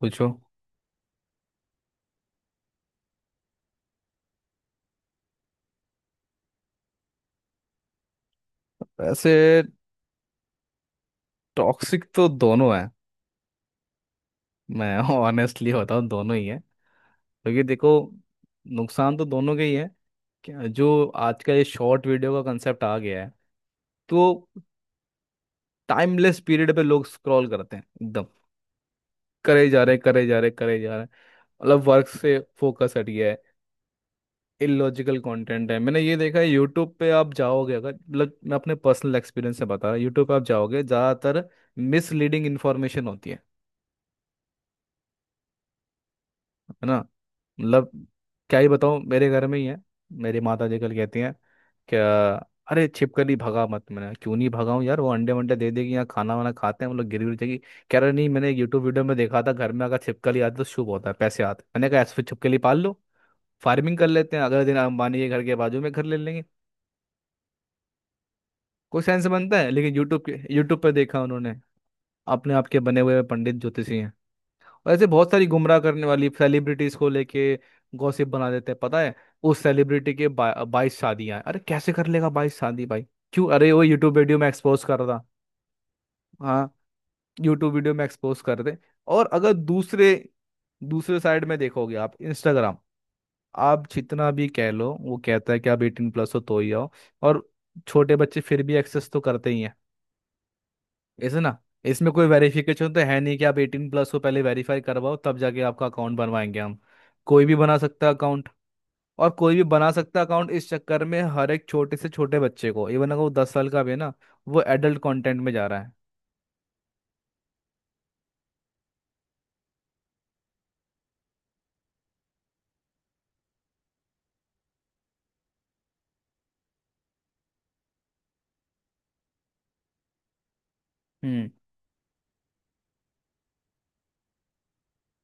पूछो। वैसे टॉक्सिक तो दोनों है। मैं ऑनेस्टली बताऊं दोनों ही है। क्योंकि देखो नुकसान तो दोनों के ही है। जो आज का ये शॉर्ट वीडियो का कंसेप्ट आ गया है तो टाइमलेस पीरियड पे लोग स्क्रॉल करते हैं एकदम। करे जा रहे करे जा रहे करे जा रहे। मतलब वर्क से फोकस हट गया है। इलॉजिकल कंटेंट है। मैंने ये देखा है यूट्यूब पे आप जाओगे अगर मतलब मैं अपने पर्सनल एक्सपीरियंस से बता रहा हूँ। यूट्यूब पे आप जाओगे ज़्यादातर मिसलीडिंग इन्फॉर्मेशन होती है। है ना। मतलब क्या ही बताऊँ मेरे घर में ही है। मेरी माता जी कल कहती हैं क्या। अरे छिपकली भगा मत। मैंने कहा, क्यों नहीं भगाऊं यार वो अंडे वंडे दे देगी यहाँ खाना वाना खाते हैं हम लोग गिर गिर जाएगी। कह रहा नहीं मैंने यूट्यूब वीडियो में देखा था घर में अगर छिपकली आती तो शुभ होता है पैसे आते। मैंने कहा ऐसे फिर छिपकली पाल लो फार्मिंग कर लेते हैं अगले दिन अंबानी के घर के बाजू में घर ले लेंगे। कोई सेंस बनता है। लेकिन यूट्यूब पर देखा उन्होंने। अपने आप के बने हुए पंडित ज्योतिषी हैं। वैसे बहुत सारी गुमराह करने वाली सेलिब्रिटीज को लेके गॉसिप बना देते हैं। पता है उस सेलिब्रिटी के 22 शादियां हैं। अरे कैसे कर लेगा 22 शादी भाई। क्यों अरे वो यूट्यूब वीडियो में एक्सपोज कर रहा। हाँ, यूट्यूब वीडियो में एक्सपोज कर दे। और अगर दूसरे दूसरे साइड में देखोगे आप इंस्टाग्राम। आप जितना भी कह लो वो कहता है कि आप 18+ हो तो ही आओ। और छोटे बच्चे फिर भी एक्सेस तो करते ही ऐसे ना। इसमें कोई वेरिफिकेशन तो है नहीं कि आप 18+ हो पहले वेरीफाई करवाओ तब जाके आपका अकाउंट बनवाएंगे हम। कोई भी बना सकता है अकाउंट। और कोई भी बना सकता है अकाउंट। इस चक्कर में हर एक छोटे से छोटे बच्चे को इवन अगर वो 10 साल का भी है ना वो एडल्ट कंटेंट में जा रहा है। हम्म।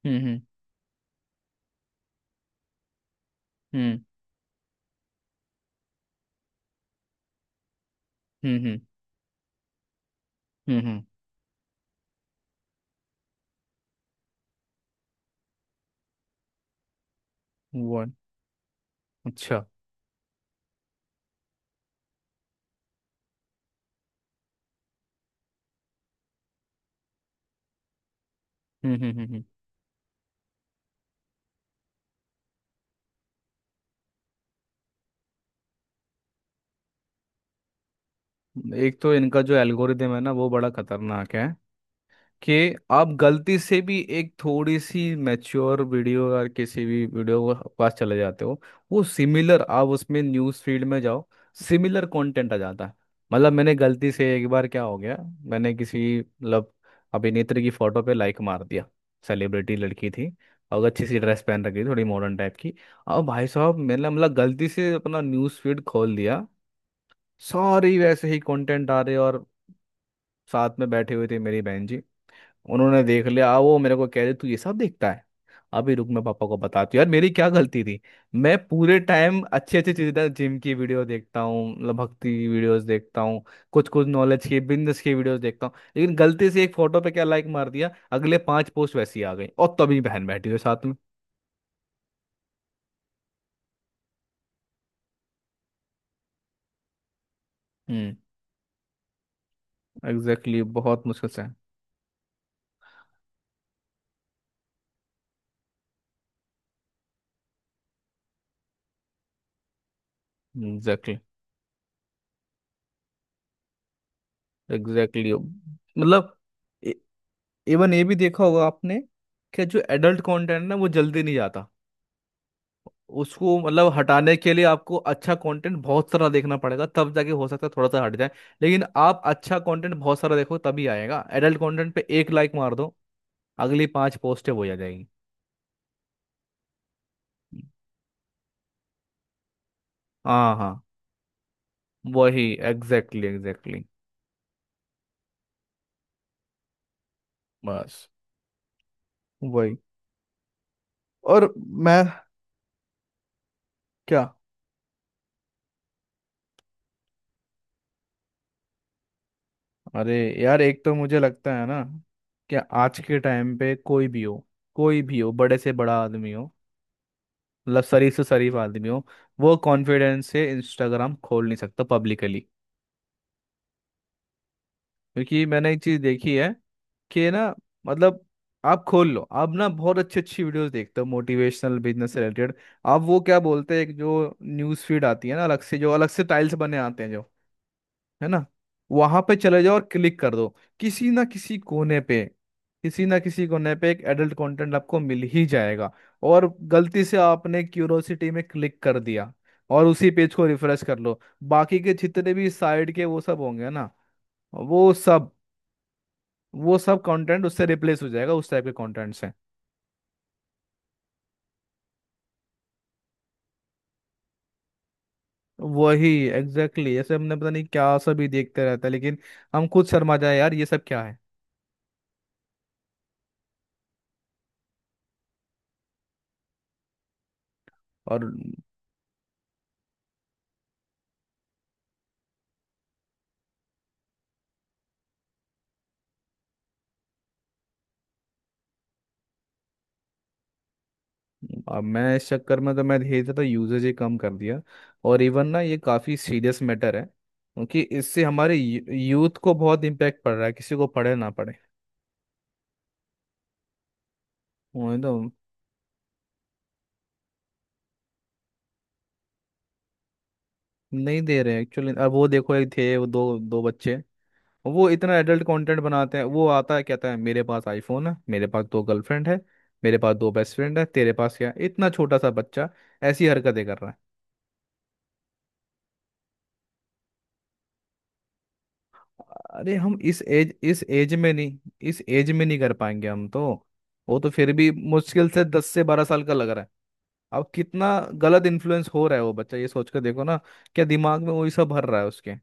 हम्म। हम्म। हम्म। हम्म। हम्म। हम्म। वो अच्छा। हम्म। हम्म। हम्म। हम्म। एक तो इनका जो एल्गोरिदम है ना वो बड़ा खतरनाक है कि आप गलती से भी एक थोड़ी सी मैच्योर वीडियो या किसी भी वीडियो के पास चले जाते हो। वो सिमिलर आप उसमें न्यूज़ फीड में जाओ सिमिलर कंटेंट आ जाता है। मतलब मैंने गलती से एक बार क्या हो गया। मैंने किसी मतलब अभिनेत्री की फोटो पे लाइक मार दिया। सेलिब्रिटी लड़की थी और अच्छी सी ड्रेस पहन रखी थी थोड़ी मॉडर्न टाइप की। और भाई साहब मैंने मतलब गलती से अपना न्यूज़ फीड खोल दिया। सारी वैसे ही कंटेंट आ रहे। और साथ में बैठे हुए थे मेरी बहन जी। उन्होंने देख लिया वो मेरे को कह रहे तू ये सब देखता है। अभी रुक मैं पापा को बताती हूँ। यार मेरी क्या गलती थी मैं पूरे टाइम अच्छी अच्छी चीजें जिम की वीडियो देखता हूँ मतलब भक्ति की वीडियोस देखता हूँ। कुछ कुछ नॉलेज की बिजनेस की वीडियोस देखता हूँ लेकिन गलती से एक फोटो पे क्या लाइक मार दिया अगले पांच पोस्ट वैसी आ गई और तभी बहन बैठी हुई साथ में। हम्म। एग्जैक्टली, बहुत मुश्किल से। एग्जैक्टली एग्जैक्टली मतलब इवन ये भी देखा होगा आपने कि जो एडल्ट कंटेंट ना वो जल्दी नहीं जाता। उसको मतलब हटाने के लिए आपको अच्छा कंटेंट बहुत सारा देखना पड़ेगा तब जाके हो सकता है थोड़ा सा हट जाए। लेकिन आप अच्छा कंटेंट बहुत सारा देखो तभी आएगा। एडल्ट कंटेंट पे एक लाइक मार दो अगली पांच पोस्टें वही आ जाएगी। हाँ, हाँ, वही एग्जैक्टली एग्जैक्टली। बस वही। और मैं क्या अरे यार एक तो मुझे लगता है ना कि आज के टाइम पे कोई भी हो बड़े से बड़ा आदमी हो मतलब शरीफ से शरीफ आदमी हो वो कॉन्फिडेंस से इंस्टाग्राम खोल नहीं सकता पब्लिकली। क्योंकि मैंने एक चीज देखी है कि ना मतलब आप खोल लो। आप ना बहुत अच्छी अच्छी वीडियोस देखते हो मोटिवेशनल बिजनेस से रिलेटेड। आप वो क्या बोलते हैं एक जो न्यूज़ फीड आती है ना अलग से जो अलग से टाइल्स बने आते हैं जो है ना। वहां पे चले जाओ और क्लिक कर दो किसी ना किसी कोने पे। किसी ना किसी कोने पे एक एडल्ट कंटेंट आपको मिल ही जाएगा। और गलती से आपने क्यूरोसिटी में क्लिक कर दिया और उसी पेज को रिफ्रेश कर लो। बाकी के जितने भी साइड के वो सब होंगे ना वो सब वो सब कंटेंट उससे रिप्लेस हो जाएगा उस टाइप के कंटेंट से। वही एग्जैक्टली, ऐसे हमने पता नहीं क्या सब ही देखते रहता है लेकिन हम खुद शर्मा जाए यार ये सब क्या है। और अब मैं इस चक्कर में तो मैं धीरे धीरे यूजेज ही कम कर दिया। और इवन ना ये काफ़ी सीरियस मैटर है क्योंकि इससे हमारे यूथ को बहुत इम्पैक्ट पड़ रहा है किसी को पढ़े ना पढ़े। वो तो नहीं दे रहे एक्चुअली। अब वो देखो एक थे वो दो दो बच्चे वो इतना एडल्ट कंटेंट बनाते हैं। वो आता है कहता है मेरे पास आईफोन है मेरे पास दो गर्लफ्रेंड है मेरे पास दो बेस्ट फ्रेंड है तेरे पास क्या है। इतना छोटा सा बच्चा ऐसी हरकतें कर रहा है। अरे हम इस एज में नहीं कर पाएंगे हम तो। वो तो फिर भी मुश्किल से 10 से 12 साल का लग रहा है। अब कितना गलत इन्फ्लुएंस हो रहा है वो बच्चा ये सोच कर देखो ना। क्या दिमाग में वही सब भर रहा है उसके।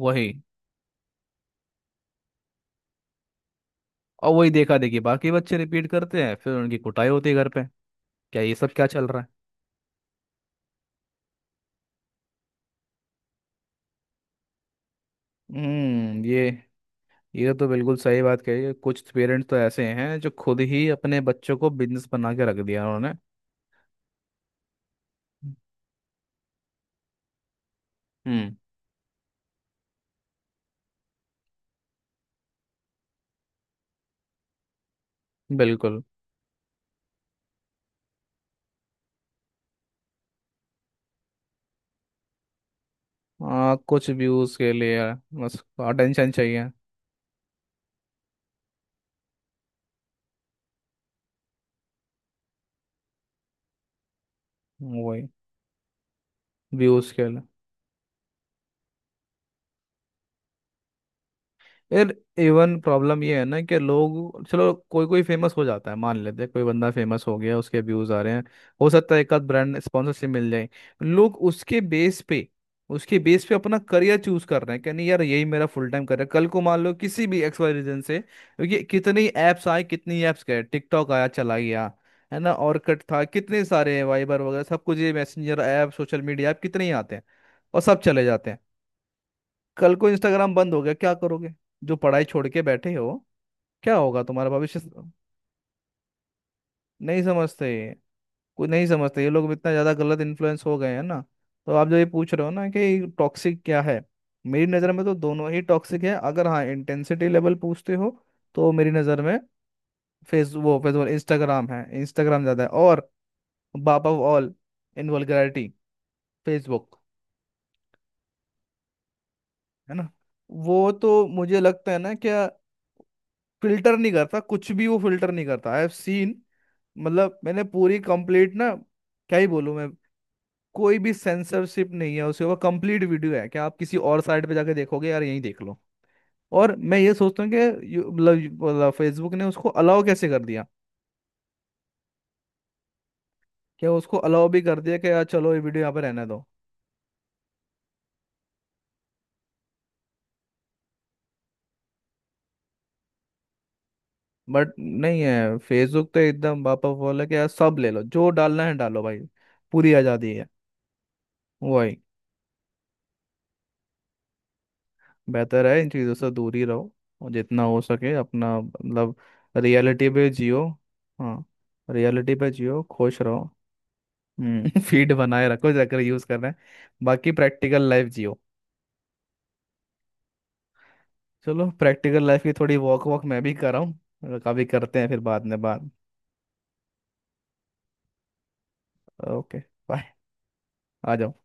वही। और वही देखा देखी बाकी बच्चे रिपीट करते हैं फिर उनकी कुटाई होती है घर पे। क्या ये सब क्या चल रहा है। हम्म ये ये तो बिल्कुल सही बात कही है। कुछ पेरेंट्स तो ऐसे हैं जो खुद ही अपने बच्चों को बिजनेस बना के रख दिया उन्होंने। हम्म बिल्कुल। कुछ व्यूज के लिए बस अटेंशन चाहिए। वही व्यूज के लिए। यार इवन प्रॉब्लम ये है ना कि लोग चलो कोई कोई फेमस हो जाता है मान लेते हैं। कोई बंदा फेमस हो गया उसके व्यूज आ रहे हैं हो सकता है एक आध ब्रांड स्पॉन्सरशिप मिल जाए। लोग उसके बेस पे अपना करियर चूज कर रहे हैं कि नहीं यार यही मेरा फुल टाइम करियर। कल को मान लो किसी भी एक्स वाई रीजन से क्योंकि कितनी ऐप्स आए कितनी ऐप्स गए टिकटॉक आया चला गया। है ना और कट था कितने सारे वाइबर वगैरह सब कुछ ये messenger app social media app कितने ही आते हैं और सब चले जाते हैं। कल को इंस्टाग्राम बंद हो गया क्या करोगे जो पढ़ाई छोड़ के बैठे हो। क्या होगा तुम्हारा भविष्य। नहीं समझते कोई नहीं समझते। ये लोग इतना ज़्यादा गलत इन्फ्लुएंस हो गए हैं ना। तो आप जो ये पूछ रहे हो ना कि टॉक्सिक क्या है मेरी नज़र में तो दोनों ही टॉक्सिक है। अगर हाँ इंटेंसिटी लेवल पूछते हो तो मेरी नज़र में फेस वो फेसबुक इंस्टाग्राम है इंस्टाग्राम ज़्यादा है। और बाप of all in vulgarity Facebook. है ना। वो तो मुझे लगता है ना क्या फिल्टर नहीं करता कुछ भी वो फिल्टर नहीं करता आई हैव सीन। मतलब मैंने पूरी कंप्लीट ना क्या ही बोलूं मैं। कोई भी सेंसरशिप नहीं है उसके ऊपर कंप्लीट वीडियो है कि आप किसी और साइट पे जाके देखोगे यार यहीं देख लो। और मैं ये सोचता हूँ कि मतलब फेसबुक ने उसको अलाउ कैसे कर दिया। क्या उसको अलाउ भी कर दिया कि यार चलो ये वीडियो यहाँ पे रहने दो। बट नहीं है फेसबुक तो एकदम बापा बोला कि यार सब ले लो जो डालना है डालो भाई। पूरी आज़ादी है। वही। बेहतर है इन चीज़ों से दूर ही रहो। और जितना हो सके अपना मतलब रियलिटी पे जियो। हाँ, रियलिटी पे जियो खुश रहो। फीड बनाए रखो जाकर यूज़ कर रहे हैं बाकी प्रैक्टिकल लाइफ जियो। चलो प्रैक्टिकल लाइफ की थोड़ी वॉक वॉक मैं भी कर रहा हूँ। कभी करते हैं फिर बाद में बात। ओके। बाय। आ जाओ।